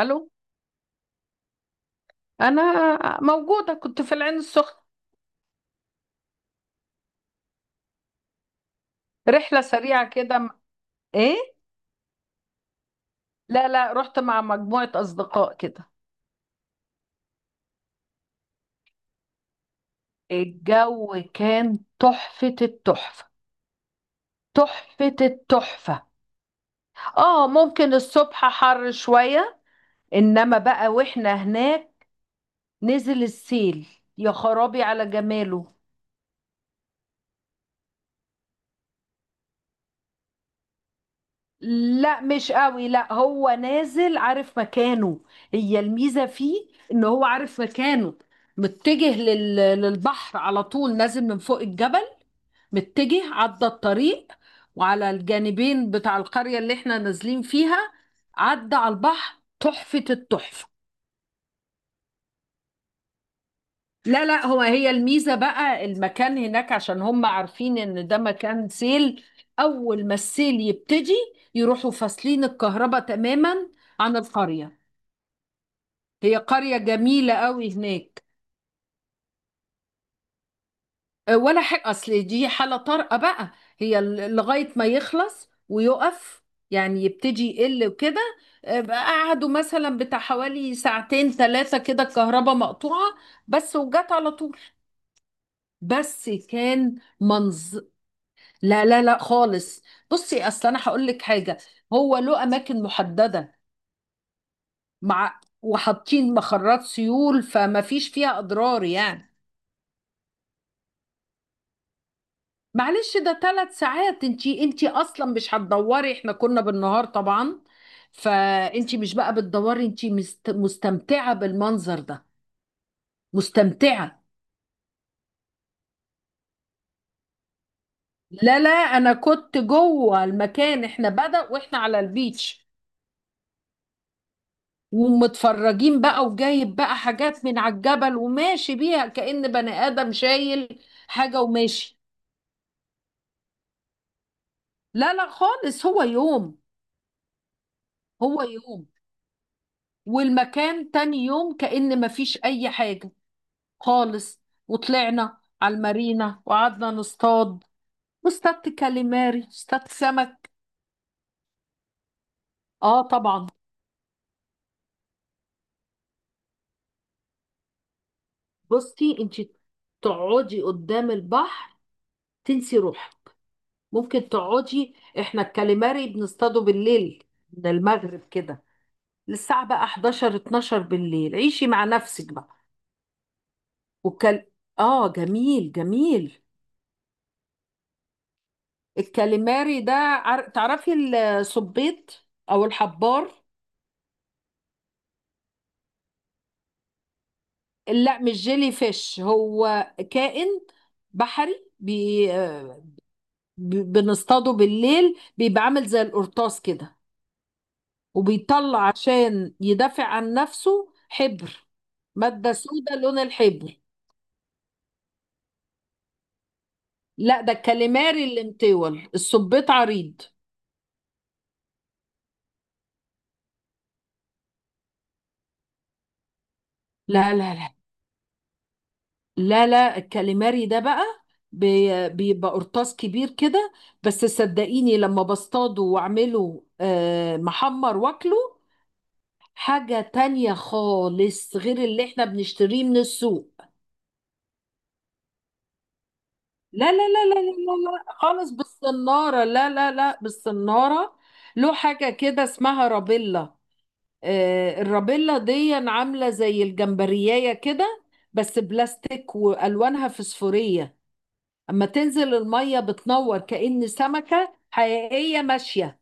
الو. انا موجوده، كنت في العين السخنه. رحله سريعه كده. ايه؟ لا لا، رحت مع مجموعه اصدقاء كده. الجو كان تحفه التحفه. تحفه التحفه. اه، ممكن الصبح حر شويه، انما بقى واحنا هناك نزل السيل يا خرابي على جماله. لا مش قوي، لا هو نازل عارف مكانه. هي الميزة فيه ان هو عارف مكانه. متجه للبحر على طول، نازل من فوق الجبل، متجه عدى الطريق، وعلى الجانبين بتاع القرية اللي احنا نازلين فيها، عدى على البحر تحفة التحفة. لا لا، هي الميزة بقى المكان هناك، عشان هم عارفين ان ده مكان سيل. اول ما السيل يبتدي يروحوا فاصلين الكهرباء تماما عن القرية. هي قرية جميلة قوي هناك. ولا حاجة، أصل دي حالة طارئة بقى. هي لغاية ما يخلص ويقف، يعني يبتدي يقل وكده. بقى قعدوا مثلا بتاع حوالي ساعتين 3 كده الكهرباء مقطوعة، بس وجت على طول. بس كان منظر. لا لا لا خالص. بصي، أصل أنا هقول لك حاجة: هو له أماكن محددة، مع وحاطين مخرات سيول فما فيش فيها أضرار يعني. معلش، ده 3 ساعات، انتي اصلا مش هتدوري، احنا كنا بالنهار طبعا، فانتي مش بقى بتدوري، انتي مستمتعة بالمنظر ده. مستمتعة. لا لا، انا كنت جوه المكان، احنا بدأ واحنا على البيتش ومتفرجين بقى، وجايب بقى حاجات من على الجبل وماشي بيها كأن بني آدم شايل حاجة وماشي. لا لا خالص، هو يوم. هو يوم. والمكان تاني يوم كأن مفيش أي حاجة خالص. وطلعنا على المارينا وقعدنا نصطاد، واصطادت كاليماري، اصطادت سمك. اه طبعا. بصي انت، تقعدي قدام البحر، تنسي روحك، ممكن تقعدي. احنا الكاليماري بنصطاده بالليل، من المغرب كده للساعة بقى 11 12 بالليل، عيشي مع نفسك بقى. وكال... اه، جميل جميل. الكاليماري ده تعرفي، الصبيط او الحبار. لا مش جيلي فيش، هو كائن بحري بنصطاده بالليل، بيبقى عامل زي القرطاس كده، وبيطلع عشان يدافع عن نفسه حبر. مادة سودة لون الحبر. لا ده الكاليماري اللي مطول، السبيط عريض. لا لا لا لا لا، الكاليماري ده بقى بيبقى قرطاس كبير كده. بس صدقيني، لما بصطاده واعمله محمر واكله، حاجة تانية خالص غير اللي احنا بنشتريه من السوق. لا لا لا لا لا لا لا خالص، بالصنارة، لا لا لا، بالصنارة. له حاجة كده اسمها رابيلا. الرابيلا دي عاملة زي الجمبرياية كده، بس بلاستيك وألوانها فسفورية، أما تنزل المية بتنور كأن سمكة حقيقية ماشية.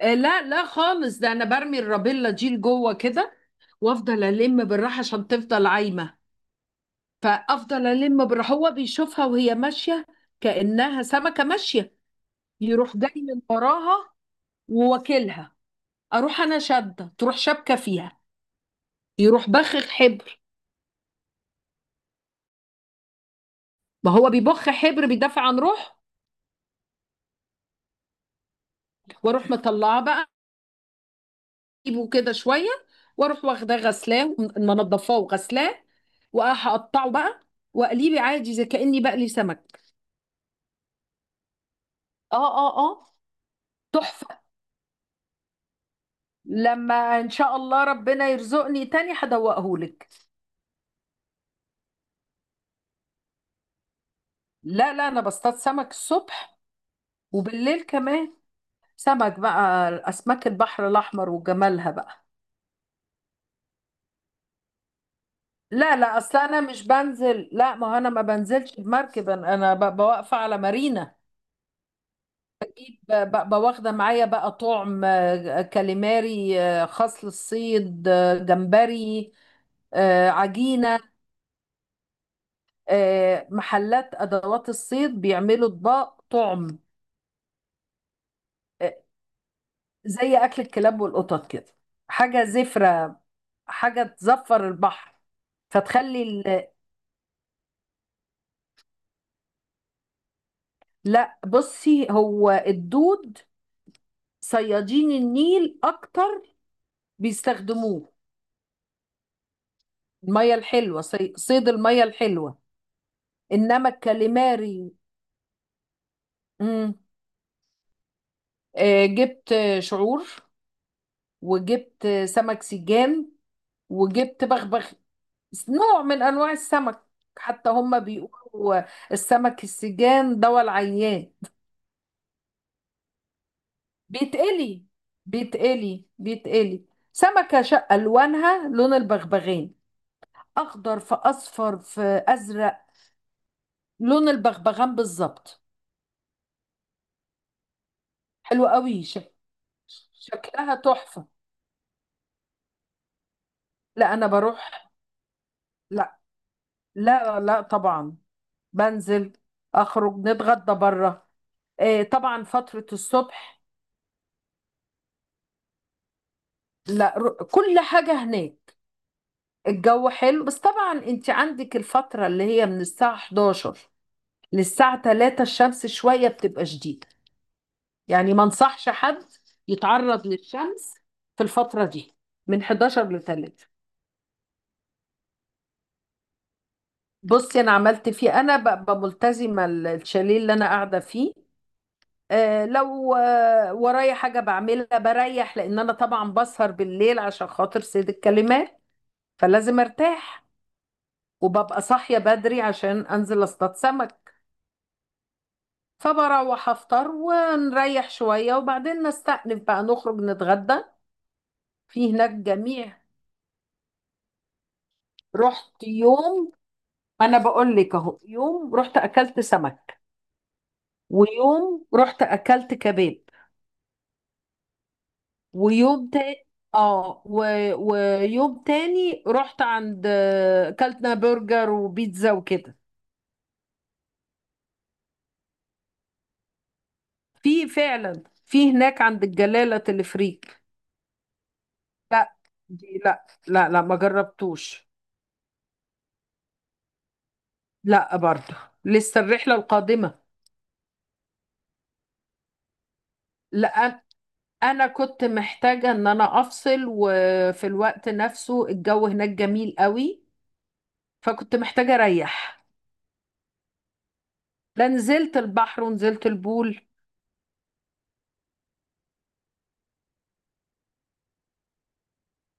لا لا خالص، ده أنا برمي الرابيلا دي لجوه كده وأفضل ألم بالراحة عشان تفضل عايمة. فافضل الم بر، هو بيشوفها وهي ماشيه كانها سمكه ماشيه، يروح جاي من وراها وواكلها، اروح انا شاده، تروح شابكه فيها، يروح بخخ حبر. ما هو بيبخ حبر بيدافع عن روحه. واروح مطلعه بقى، اجيبه كده شويه، واروح واخداه غسلاه منضفاه وغسلاه، وهقطعه بقى واقليه عادي زي كاني بقلي سمك. اه اه اه. تحفه، لما ان شاء الله ربنا يرزقني تاني هدوقهولك. لا لا، انا بصطاد سمك الصبح وبالليل كمان. سمك بقى، اسماك البحر الاحمر وجمالها بقى. لا لا، اصل انا مش بنزل، لا ما هو انا ما بنزلش بمركب، انا بوقف على مارينا، بواخده معايا بقى طعم كاليماري، خاص للصيد، جمبري، عجينه. محلات ادوات الصيد بيعملوا اطباق طعم. آه، زي اكل الكلاب والقطط كده، حاجه زفره، حاجة تزفر البحر، فتخلي لا بصي، هو الدود صيادين النيل أكتر بيستخدموه، المية الحلوة، صيد المية الحلوة، إنما الكاليماري. مم. آه، جبت شعور، وجبت سمك سجان، وجبت بغبغ، نوع من أنواع السمك. حتى هم بيقولوا السمك السجان دوا العيان. بيتقلي بيتقلي بيتقلي، سمكة شقة لونها لون البغبغان، أخضر في أصفر في أزرق، لون البغبغان بالظبط. حلو قوي، شكلها تحفة. لا أنا بروح، لا لا لا طبعا، بنزل أخرج نتغدى بره، آه طبعا فترة الصبح. لا كل حاجة هناك. الجو حلو، بس طبعا انت عندك الفترة اللي هي من الساعة 11 للساعة 3 الشمس شوية بتبقى شديدة، يعني ما انصحش حد يتعرض للشمس في الفترة دي، من 11 ل 3. بصي انا عملت فيه، انا ببقى ملتزمة الشاليه اللي انا قاعدة فيه. لو ورايا حاجة بعملها، بريح، لان انا طبعا بسهر بالليل عشان خاطر سيد الكلمات، فلازم ارتاح. وببقى صاحية بدري عشان انزل اصطاد سمك، فبروح افطر ونريح شوية، وبعدين نستأنف بقى نخرج نتغدى. في هناك جميع. رحت يوم، ما انا بقول لك اهو يوم. رحت اكلت سمك، ويوم رحت اكلت كباب، ويوم تاني، اه و... ويوم تاني رحت عند اكلتنا برجر وبيتزا وكده. في، فعلا في هناك عند الجلالة تلفريك. لا دي، لا لا لا، ما جربتوش. لا، برضه لسه الرحلة القادمة. لا انا كنت محتاجة ان انا افصل، وفي الوقت نفسه الجو هناك جميل قوي، فكنت محتاجة اريح. لا نزلت البحر ونزلت البول.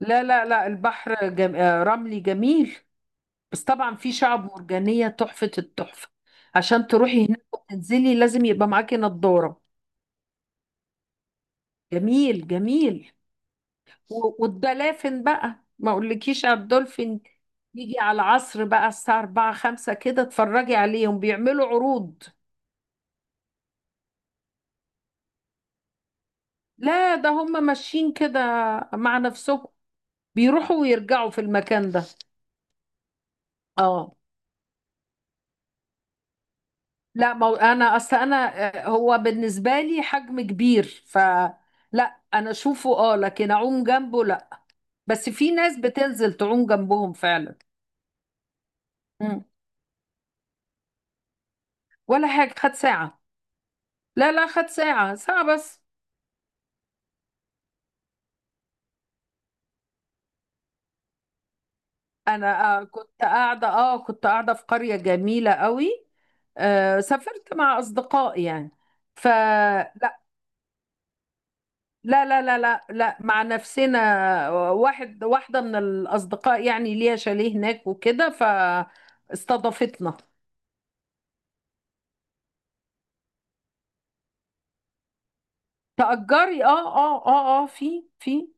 لا لا لا، البحر جم... آه، رملي جميل، بس طبعا في شعب مرجانية تحفة التحفة. عشان تروحي هناك وتنزلي لازم يبقى معاكي نضارة. جميل جميل. والدلافين بقى، ما اقولكيش على الدولفين. يجي على العصر بقى الساعة 4 5 كده، اتفرجي عليهم بيعملوا عروض. لا ده هم ماشيين كده مع نفسهم، بيروحوا ويرجعوا في المكان ده. اه. لا ما هو انا، اصل انا، هو بالنسبه لي حجم كبير، ف لا انا اشوفه اه، لكن اعوم جنبه لا، بس في ناس بتنزل تعوم جنبهم فعلا. مم. ولا حاجه، خد ساعه. لا لا، خد ساعه، ساعه بس. انا كنت قاعده في قريه جميله قوي. سافرت مع اصدقاء يعني. ف لا لا لا لا لا، مع نفسنا. واحدة من الأصدقاء يعني ليها شاليه هناك وكده فاستضافتنا. تأجري اه، اه اه اه، في.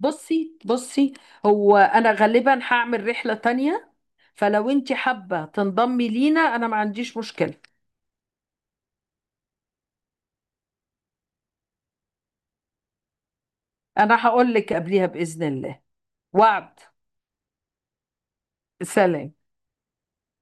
بصي بصي، هو أنا غالبا هعمل رحلة تانية، فلو انت حابة تنضمي لينا أنا ما عنديش مشكلة. أنا هقول لك قبليها بإذن الله. وعد. سلام.